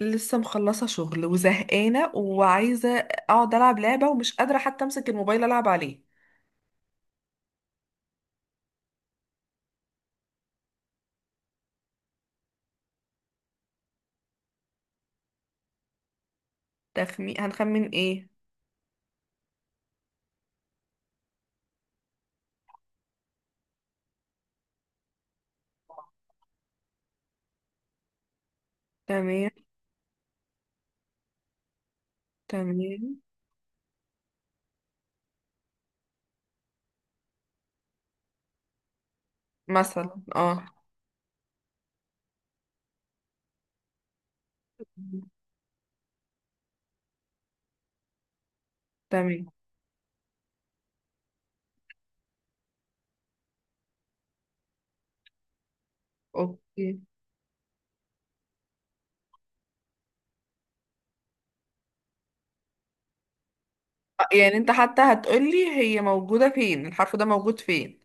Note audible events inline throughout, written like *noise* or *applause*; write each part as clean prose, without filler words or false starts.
لسه مخلصة شغل وزهقانة وعايزة اقعد العب لعبة ومش قادرة حتى امسك الموبايل العب عليه. تخمين، هنخمن ايه؟ تمام. تمام. مثلا اه. تمام. اوكي. يعني انت حتى هتقولي هي موجودة فين؟ الحرف ده موجود فين؟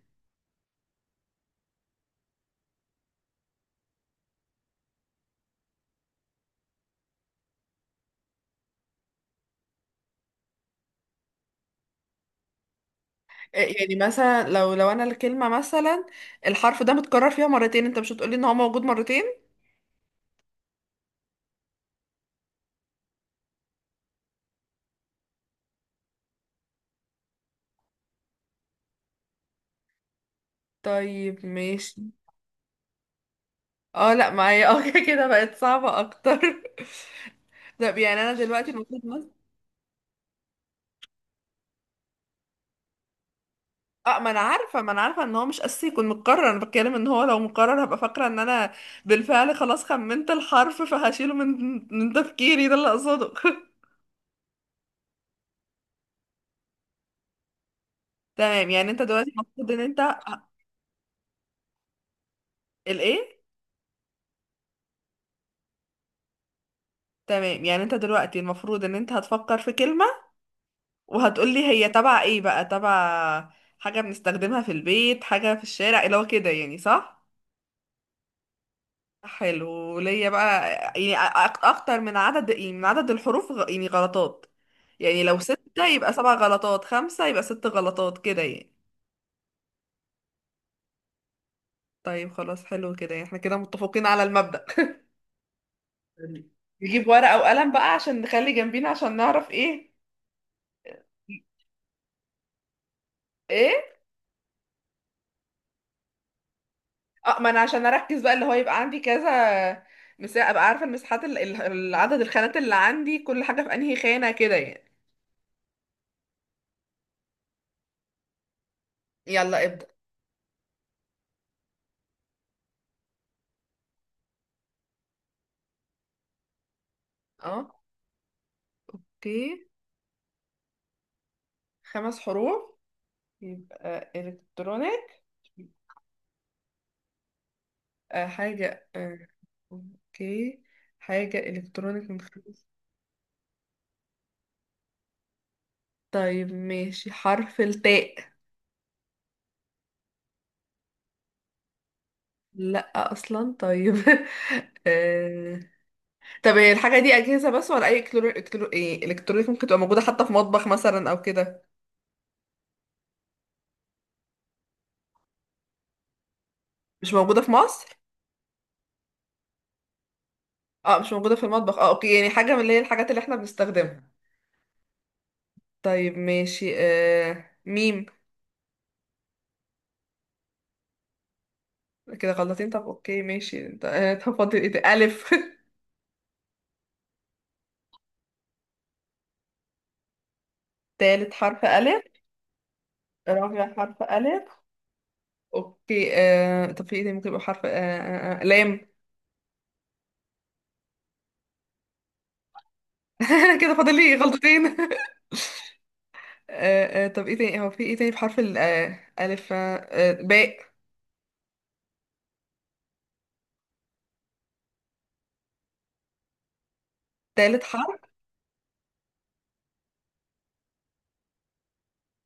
يعني مثلا لو انا الكلمة مثلا الحرف ده متكرر فيها مرتين، انت مش هتقولي ان هو موجود مرتين؟ طيب ماشي. اه لا، معايا اه *laughs* كده بقت صعبة اكتر *laughs* طب يعني انا دلوقتي المفروض. اه، ما انا عارفه ان هو مش اساسي يكون متكرر، انا بتكلم ان هو لو مكرر هبقى فاكره ان انا بالفعل خلاص خمنت الحرف فهشيله من تفكيري، ده اللي اقصده *laughs* تمام، يعني انت دلوقتي المفروض ان انت الايه؟ تمام، يعني انت دلوقتي المفروض ان انت هتفكر في كلمه وهتقولي هي تبع ايه بقى؟ تبع حاجه بنستخدمها في البيت، حاجه في الشارع، اللي هو كده يعني، صح؟ حلو، ليا بقى. يعني اكتر من عدد، يعني من عدد الحروف يعني غلطات، يعني لو ستة يبقى سبع غلطات، خمسة يبقى ست غلطات كده يعني. طيب خلاص، حلو كده، يعني احنا كده متفقين على المبدأ. *laughs* نجيب ورقة وقلم بقى عشان نخلي جنبينا، عشان نعرف ايه. ايه. اه، ما انا عشان اركز بقى اللي هو يبقى عندي كذا مساحة، ابقى عارفة المساحات العدد، الخانات اللي عندي، كل حاجة في انهي خانة كده يعني. يلا ابدأ. اه اوكي. خمس حروف يبقى الكترونيك. آه، حاجة آه، اوكي. حاجة الكترونيك من خمس. طيب ماشي، حرف التاء. لا اصلا؟ طيب *laughs* آه، طب هي الحاجه دي اجهزه بس ولا اي إلكترو... إلكترو... إيه؟ الكترونيك ممكن تبقى موجوده حتى في مطبخ مثلا او كده؟ مش موجوده في مصر؟ اه مش موجوده في المطبخ، اه اوكي، يعني حاجه من اللي هي الحاجات اللي احنا بنستخدمها. طيب ماشي، ميم. كده غلطين؟ طب اوكي ماشي، انت *laughs* طب فاضل ايه ده؟ الف. *laughs* تالت حرف الف؟ رابع حرف الف. اوكي طب في ايه ده ممكن يبقى حرف لام. *laughs* كده فاضل لي غلطتين *laughs* طب ايه تاني، هو في ايه تاني بحرف ال آه ألف باء. تالت حرف؟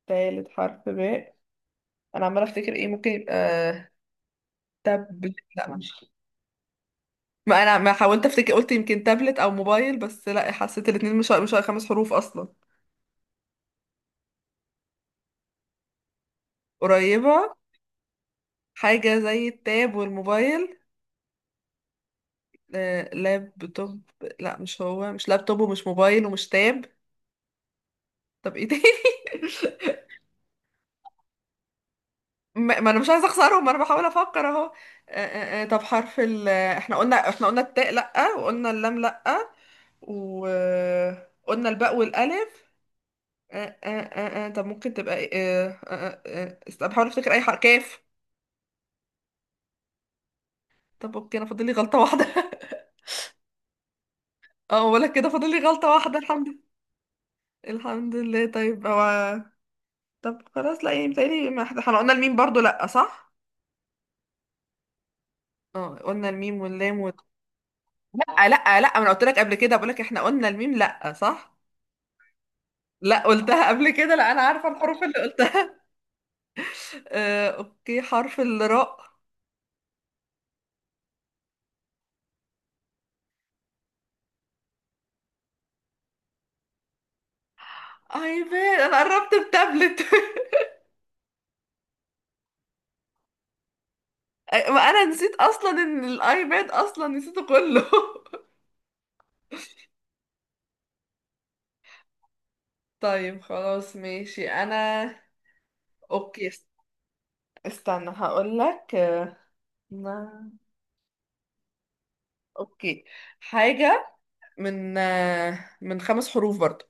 تالت حرف باء. انا عمالة افتكر ايه ممكن يبقى، تابلت؟ لا مش. ما انا ما حاولت افتكر، قلت يمكن تابلت او موبايل، بس لا حسيت الاتنين مش خمس حروف اصلا. قريبة؟ حاجة زي التاب والموبايل. آه لابتوب. لا مش هو، مش لابتوب ومش موبايل ومش تاب. طب ايه تاني *laughs* ما ما انا مش عايزه اخسرهم، انا بحاول افكر اهو. طب حرف احنا قلنا، احنا قلنا التاء لأ، وقلنا اللام لأ، وقلنا الباء والألف. طب ممكن تبقى ايه؟ بحاول افتكر اي حرف. كاف؟ طب اوكي، انا فاضل لي غلطة واحدة *laughs* اه ولا كده فاضل لي غلطة واحدة، الحمد لله. الحمد لله. طيب هو، طب خلاص لا، يعني متهيألي ما احنا، إحنا قلنا الميم برضو لأ، صح؟ اه قلنا الميم واللام لأ لأ لأ، ما انا قلت لك قبل كده، بقول لك احنا قلنا الميم لأ، صح؟ لا قلتها قبل كده، لا انا عارفه الحروف اللي قلتها. *laughs* اوكي، حرف الراء. ايباد؟ انا قربت التابلت *laughs* ما انا نسيت اصلا ان الايباد اصلا نسيته كله *laughs* طيب خلاص ماشي، انا اوكي استنى هقول لك. نا- اوكي. حاجة من من خمس حروف برضو.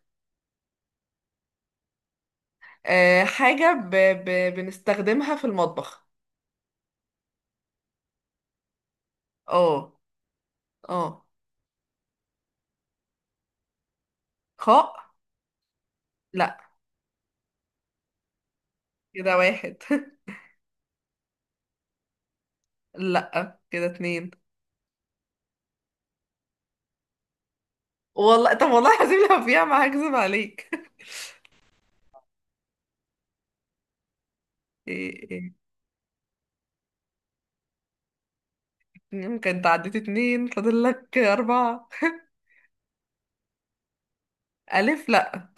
حاجة بنستخدمها في المطبخ. اه. اه. خاء؟ لا. كده واحد. لا كده اتنين. والله طب، والله العظيم لو فيها ما هكذب عليك *laughs* إيه إيه. يمكن تعديت اتنين، فاضل لك أربعة. ألف؟ لا.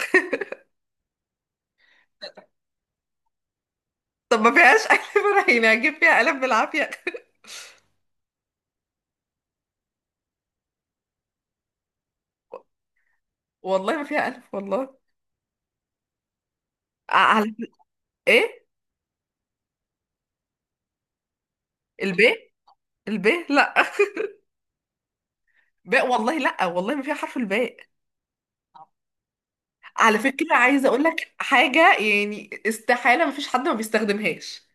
طب ما فيهاش ألف *laughs* أنا يعني هجيب فيها ألف بالعافية؟ *laughs* والله ما فيها ألف، والله. على. إيه؟ الباء؟ الباء لا *laughs* باء، والله لا، والله ما فيها حرف الباء. على فكرة عايزة أقول لك حاجة، يعني استحالة ما فيش حد ما بيستخدمهاش.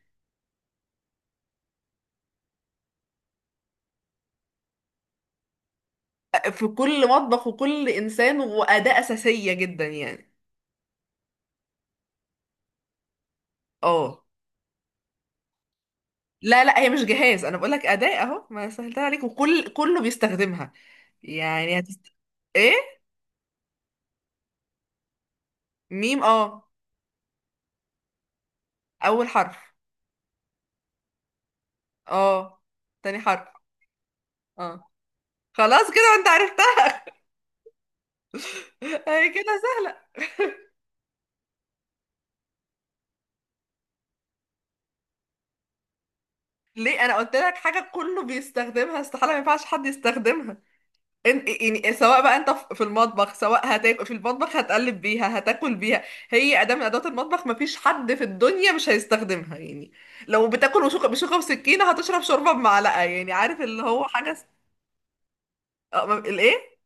في كل مطبخ، وكل إنسان، وأداة أساسية جدا يعني. اه. لا لا، هي مش جهاز، انا بقول لك اداة اهو، ما سهلتها عليك، كله بيستخدمها. يعني ايه. ميم. اه، اول حرف. اه، تاني حرف. اه. خلاص كده انت عرفتها *laughs* هي كده سهلة. ليه؟ انا قلت لك حاجة كله بيستخدمها، استحالة ما ينفعش حد يستخدمها. انت يعني سواء بقى انت في المطبخ، سواء هتاكل في المطبخ، هتقلب بيها، هتاكل بيها. هي اداة من ادوات المطبخ، مفيش حد في الدنيا مش هيستخدمها يعني. لو بتاكل بشوكة، بشوكة وسكينة، هتشرب شوربة بمعلقة، يعني عارف اللي هو حاجة اه. الايه؟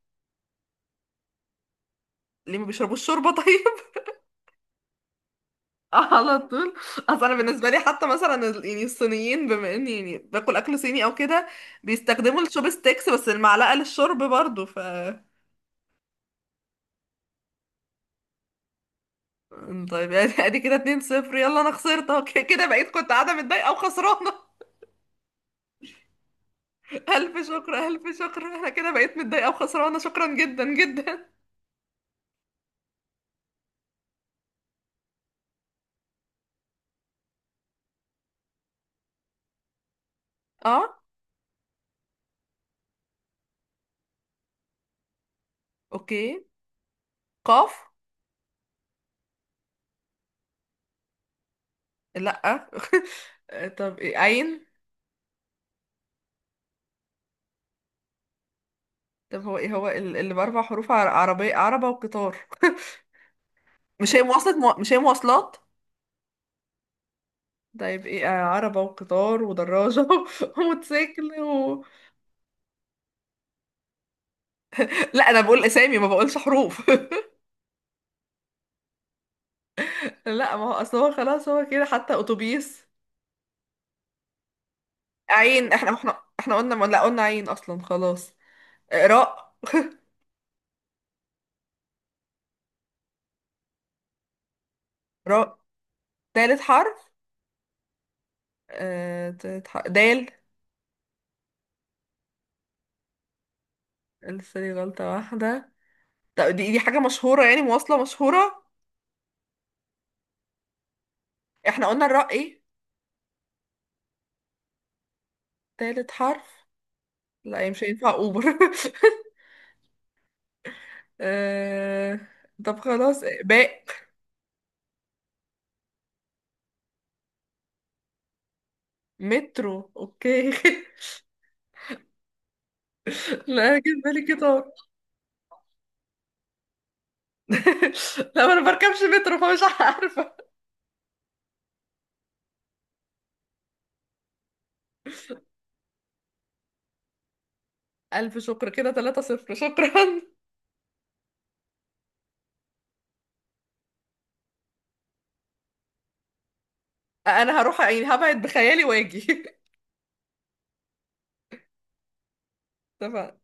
ليه ما بيشربوش شوربة طيب؟ *laughs* على طول. اصل انا بالنسبة لي حتى مثلا يعني الصينيين، بما اني يعني باكل اكل صيني او كده، بيستخدموا الشوب ستيكس، بس المعلقة للشرب برضو ف. طيب يعني *laughs* ادي كده 2-0، يلا انا خسرت اهو، كده بقيت، كنت قاعده متضايقه وخسرانه *laughs* الف شكر، الف شكر، انا كده بقيت متضايقه وخسرانه، شكرا جدا جدا. *laughs* اه اوكي. قاف؟ لا *laughs* طب إيه؟ عين؟ طب هو ايه هو اللي باربع حروف؟ عربيه، عربه وقطار *laughs* مش هي مواصلات مش هي مواصلات؟ طيب ايه، عربه وقطار ودراجه *laughs* وموتوسيكل لا انا بقول اسامي، ما بقولش حروف *laughs* لا، ما هو اصل هو خلاص هو كده حتى اتوبيس. عين، احنا قلنا، ما لا قلنا عين اصلا، خلاص. راء. راء، تالت حرف؟ تالت حرف دال. لسه لي غلطة واحدة. طب دي، دي حاجة مشهورة يعني، مواصلة مشهورة. احنا قلنا الراء ايه؟ تالت حرف. لا هي مش هينفع اوبر *laughs* آه، طب خلاص، باء. مترو؟ اوكي *laughs* لا انا جه في بالي قطار *laughs* لا ما انا بركبش مترو فمش عارفة. الف شكر كده 3 صفر، شكرا. انا هروح يعني هبعد بخيالي واجي *laughs* طبعا.